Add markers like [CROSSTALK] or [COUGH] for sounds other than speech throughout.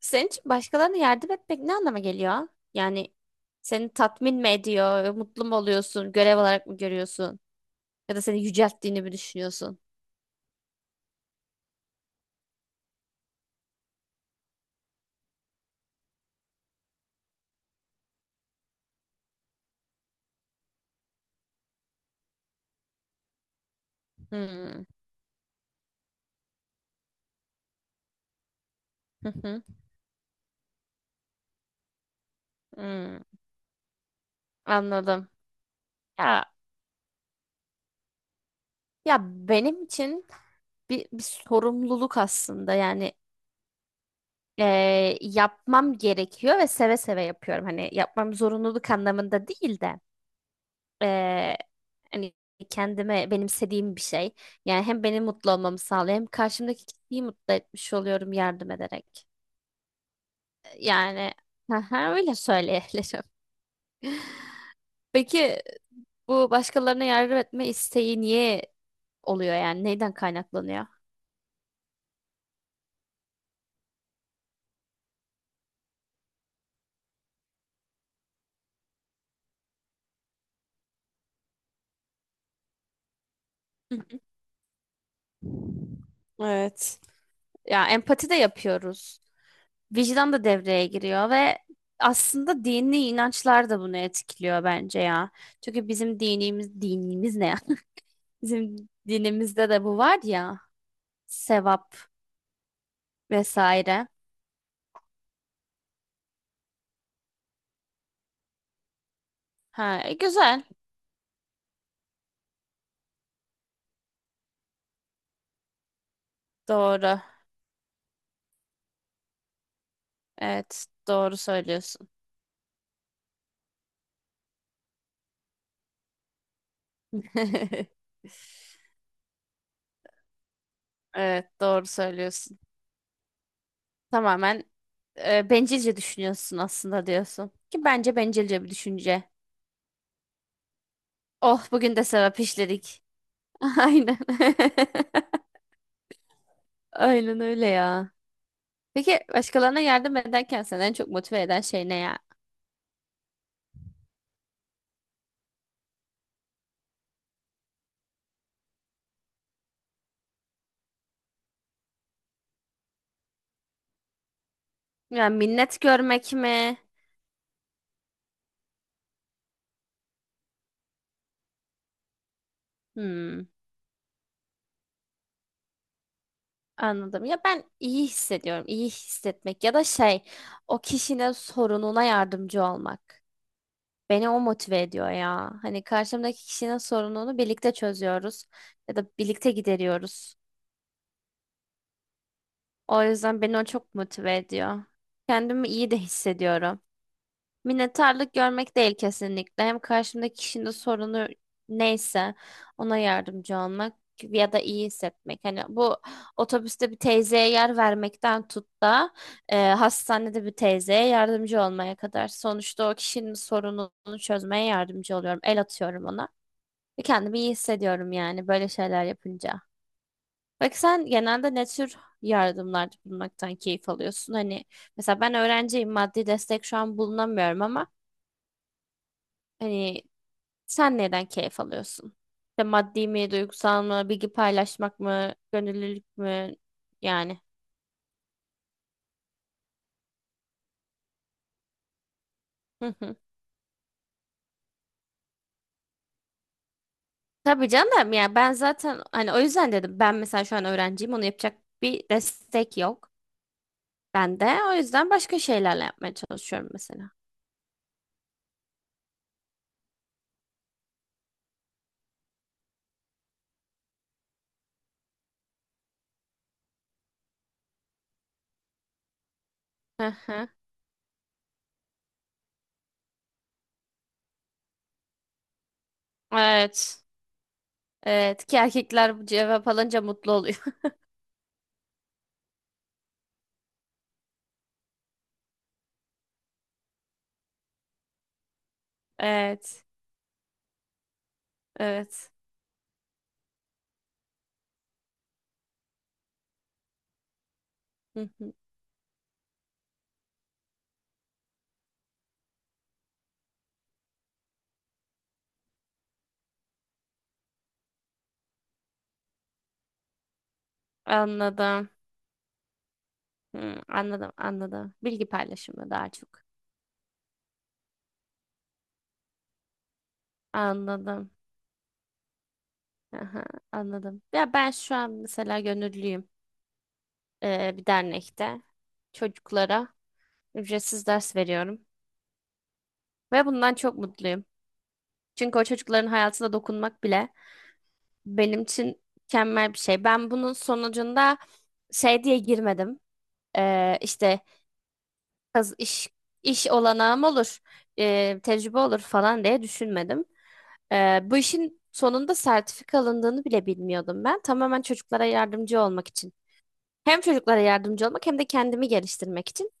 Senin için başkalarına yardım etmek ne anlama geliyor? Yani seni tatmin mi ediyor, mutlu mu oluyorsun, görev olarak mı görüyorsun? Ya da seni yücelttiğini mi düşünüyorsun? Hmm. Hı hı. Hmm. Anladım. Ya ya benim için bir sorumluluk aslında. Yani yapmam gerekiyor ve seve seve yapıyorum. Hani yapmam zorunluluk anlamında değil de. Ee, hani kendime benimsediğim bir şey. Yani hem beni mutlu olmamı sağlıyor hem karşımdaki kişiyi mutlu etmiş oluyorum yardım ederek. Yani [LAUGHS] haha, öyle söyleyebilirim. [LAUGHS] Peki bu başkalarına yardım etme isteği niye oluyor yani? Neyden kaynaklanıyor? Hı hı. Evet. Ya empati de yapıyoruz. Vicdan da devreye giriyor ve aslında dini inançlar da bunu etkiliyor bence ya. Çünkü bizim dinimiz, dinimiz ne ya? [LAUGHS] Bizim dinimizde de bu var ya, sevap vesaire. Ha, e, güzel. Doğru. Evet, doğru söylüyorsun. [LAUGHS] Evet, doğru söylüyorsun. Tamamen e, bencilce düşünüyorsun aslında diyorsun. Ki bence bencilce bir düşünce. Oh, bugün de sevap işledik. [LAUGHS] Aynen. [LAUGHS] Aynen öyle ya. Peki başkalarına yardım ederken seni en çok motive eden şey ne ya? Yani minnet görmek mi? Hmm, anladım. Ya ben iyi hissediyorum. İyi hissetmek ya da şey, o kişinin sorununa yardımcı olmak. Beni o motive ediyor ya. Hani karşımdaki kişinin sorununu birlikte çözüyoruz ya da birlikte gideriyoruz. O yüzden beni o çok motive ediyor. Kendimi iyi de hissediyorum. Minnettarlık görmek değil kesinlikle. Hem karşımdaki kişinin de sorunu neyse ona yardımcı olmak ya da iyi hissetmek. Hani bu otobüste bir teyzeye yer vermekten tut da e, hastanede bir teyzeye yardımcı olmaya kadar. Sonuçta o kişinin sorununu çözmeye yardımcı oluyorum. El atıyorum ona. Ve kendimi iyi hissediyorum yani böyle şeyler yapınca. Peki sen genelde ne tür yardımlarda bulunmaktan keyif alıyorsun? Hani mesela ben öğrenciyim, maddi destek şu an bulunamıyorum ama hani sen neden keyif alıyorsun? İşte maddi mi, duygusal mı, bilgi paylaşmak mı, gönüllülük mü? Yani. Hı hı. Tabii canım, ya ben zaten hani o yüzden dedim, ben mesela şu an öğrenciyim, onu yapacak bir destek yok bende. O yüzden başka şeylerle yapmaya çalışıyorum mesela. Hı hı. Evet. Evet ki erkekler bu cevap alınca mutlu oluyor. [LAUGHS] Evet. Evet. Hı hı. Anladım. Hı, anladım anladım. Bilgi paylaşımı daha çok. Anladım. Aha, anladım. Ya ben şu an mesela gönüllüyüm bir dernekte. Çocuklara ücretsiz ders veriyorum. Ve bundan çok mutluyum. Çünkü o çocukların hayatına dokunmak bile benim için mükemmel bir şey. Ben bunun sonucunda şey diye girmedim. İşte kaz- iş, iş olanağım olur, tecrübe olur falan diye düşünmedim. Bu işin sonunda sertifika alındığını bile bilmiyordum ben. Tamamen çocuklara yardımcı olmak için. Hem çocuklara yardımcı olmak hem de kendimi geliştirmek için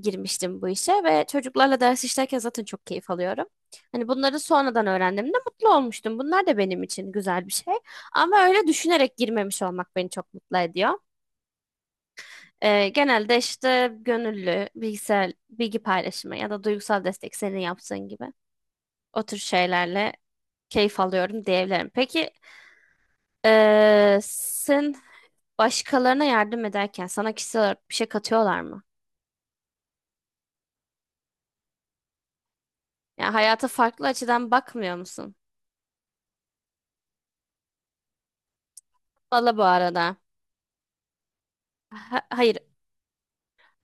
girmiştim bu işe ve çocuklarla ders işlerken zaten çok keyif alıyorum. Hani bunları sonradan öğrendiğimde mutlu olmuştum. Bunlar da benim için güzel bir şey. Ama öyle düşünerek girmemiş olmak beni çok mutlu ediyor. Genelde işte gönüllü, bilgisayar, bilgi paylaşımı ya da duygusal destek senin yaptığın gibi o tür şeylerle keyif alıyorum diyebilirim. Peki sen başkalarına yardım ederken sana kişisel olarak bir şey katıyorlar mı? Ya hayata farklı açıdan bakmıyor musun? Valla bu arada. Ha- hayır.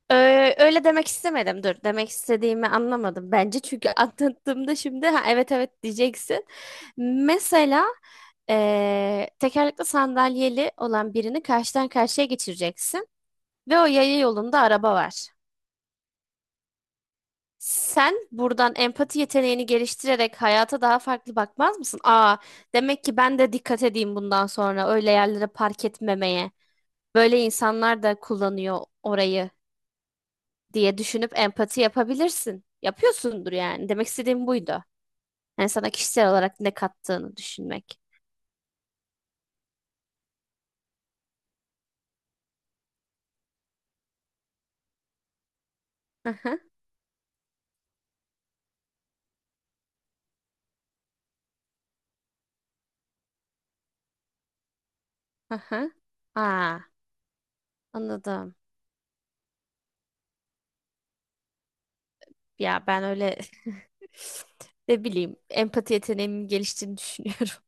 Ö- öyle demek istemedim. Dur. Demek istediğimi anlamadım. Bence çünkü anlattığımda şimdi ha, evet diyeceksin. Mesela tekerlekli sandalyeli olan birini karşıdan karşıya geçireceksin. Ve o yaya yolunda araba var. Sen buradan empati yeteneğini geliştirerek hayata daha farklı bakmaz mısın? Aa, demek ki ben de dikkat edeyim bundan sonra öyle yerlere park etmemeye. Böyle insanlar da kullanıyor orayı diye düşünüp empati yapabilirsin. Yapıyorsundur yani. Demek istediğim buydu. Yani sana kişisel olarak ne kattığını düşünmek. Hı hı, hı hı. Aa, anladım. Ya ben öyle [LAUGHS] ne bileyim empati yeteneğimin geliştiğini düşünüyorum.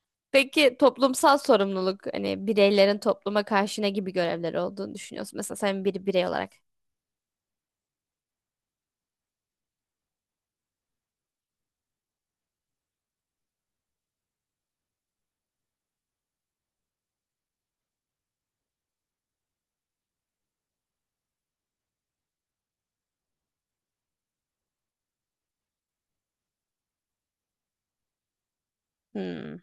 [LAUGHS] Peki toplumsal sorumluluk, hani bireylerin topluma karşı ne gibi görevleri olduğunu düşünüyorsun? Mesela sen bir birey olarak. Hmm.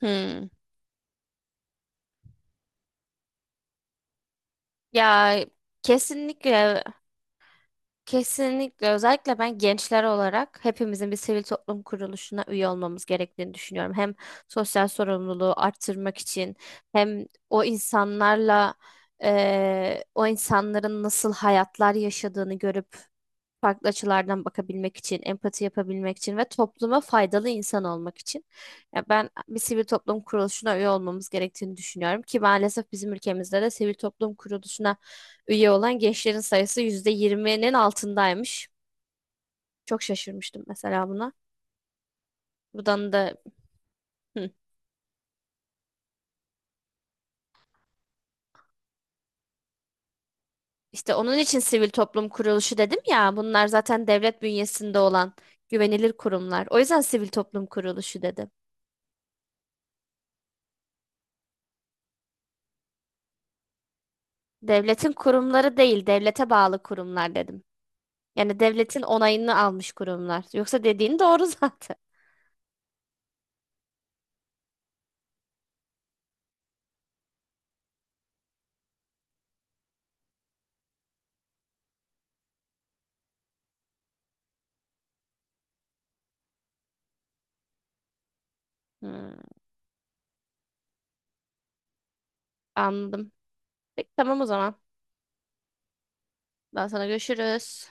Hmm. Ya kesinlikle, kesinlikle özellikle ben gençler olarak hepimizin bir sivil toplum kuruluşuna üye olmamız gerektiğini düşünüyorum. Hem sosyal sorumluluğu arttırmak için hem o insanlarla o insanların nasıl hayatlar yaşadığını görüp farklı açılardan bakabilmek için, empati yapabilmek için ve topluma faydalı insan olmak için. Ya ben bir sivil toplum kuruluşuna üye olmamız gerektiğini düşünüyorum ki maalesef bizim ülkemizde de sivil toplum kuruluşuna üye olan gençlerin sayısı %20'nin altındaymış. Çok şaşırmıştım mesela buna. Buradan da hı. İşte onun için sivil toplum kuruluşu dedim ya, bunlar zaten devlet bünyesinde olan güvenilir kurumlar. O yüzden sivil toplum kuruluşu dedim. Devletin kurumları değil, devlete bağlı kurumlar dedim. Yani devletin onayını almış kurumlar. Yoksa dediğin doğru [LAUGHS] zaten. Hmm, anladım. Peki tamam o zaman. Daha sonra görüşürüz.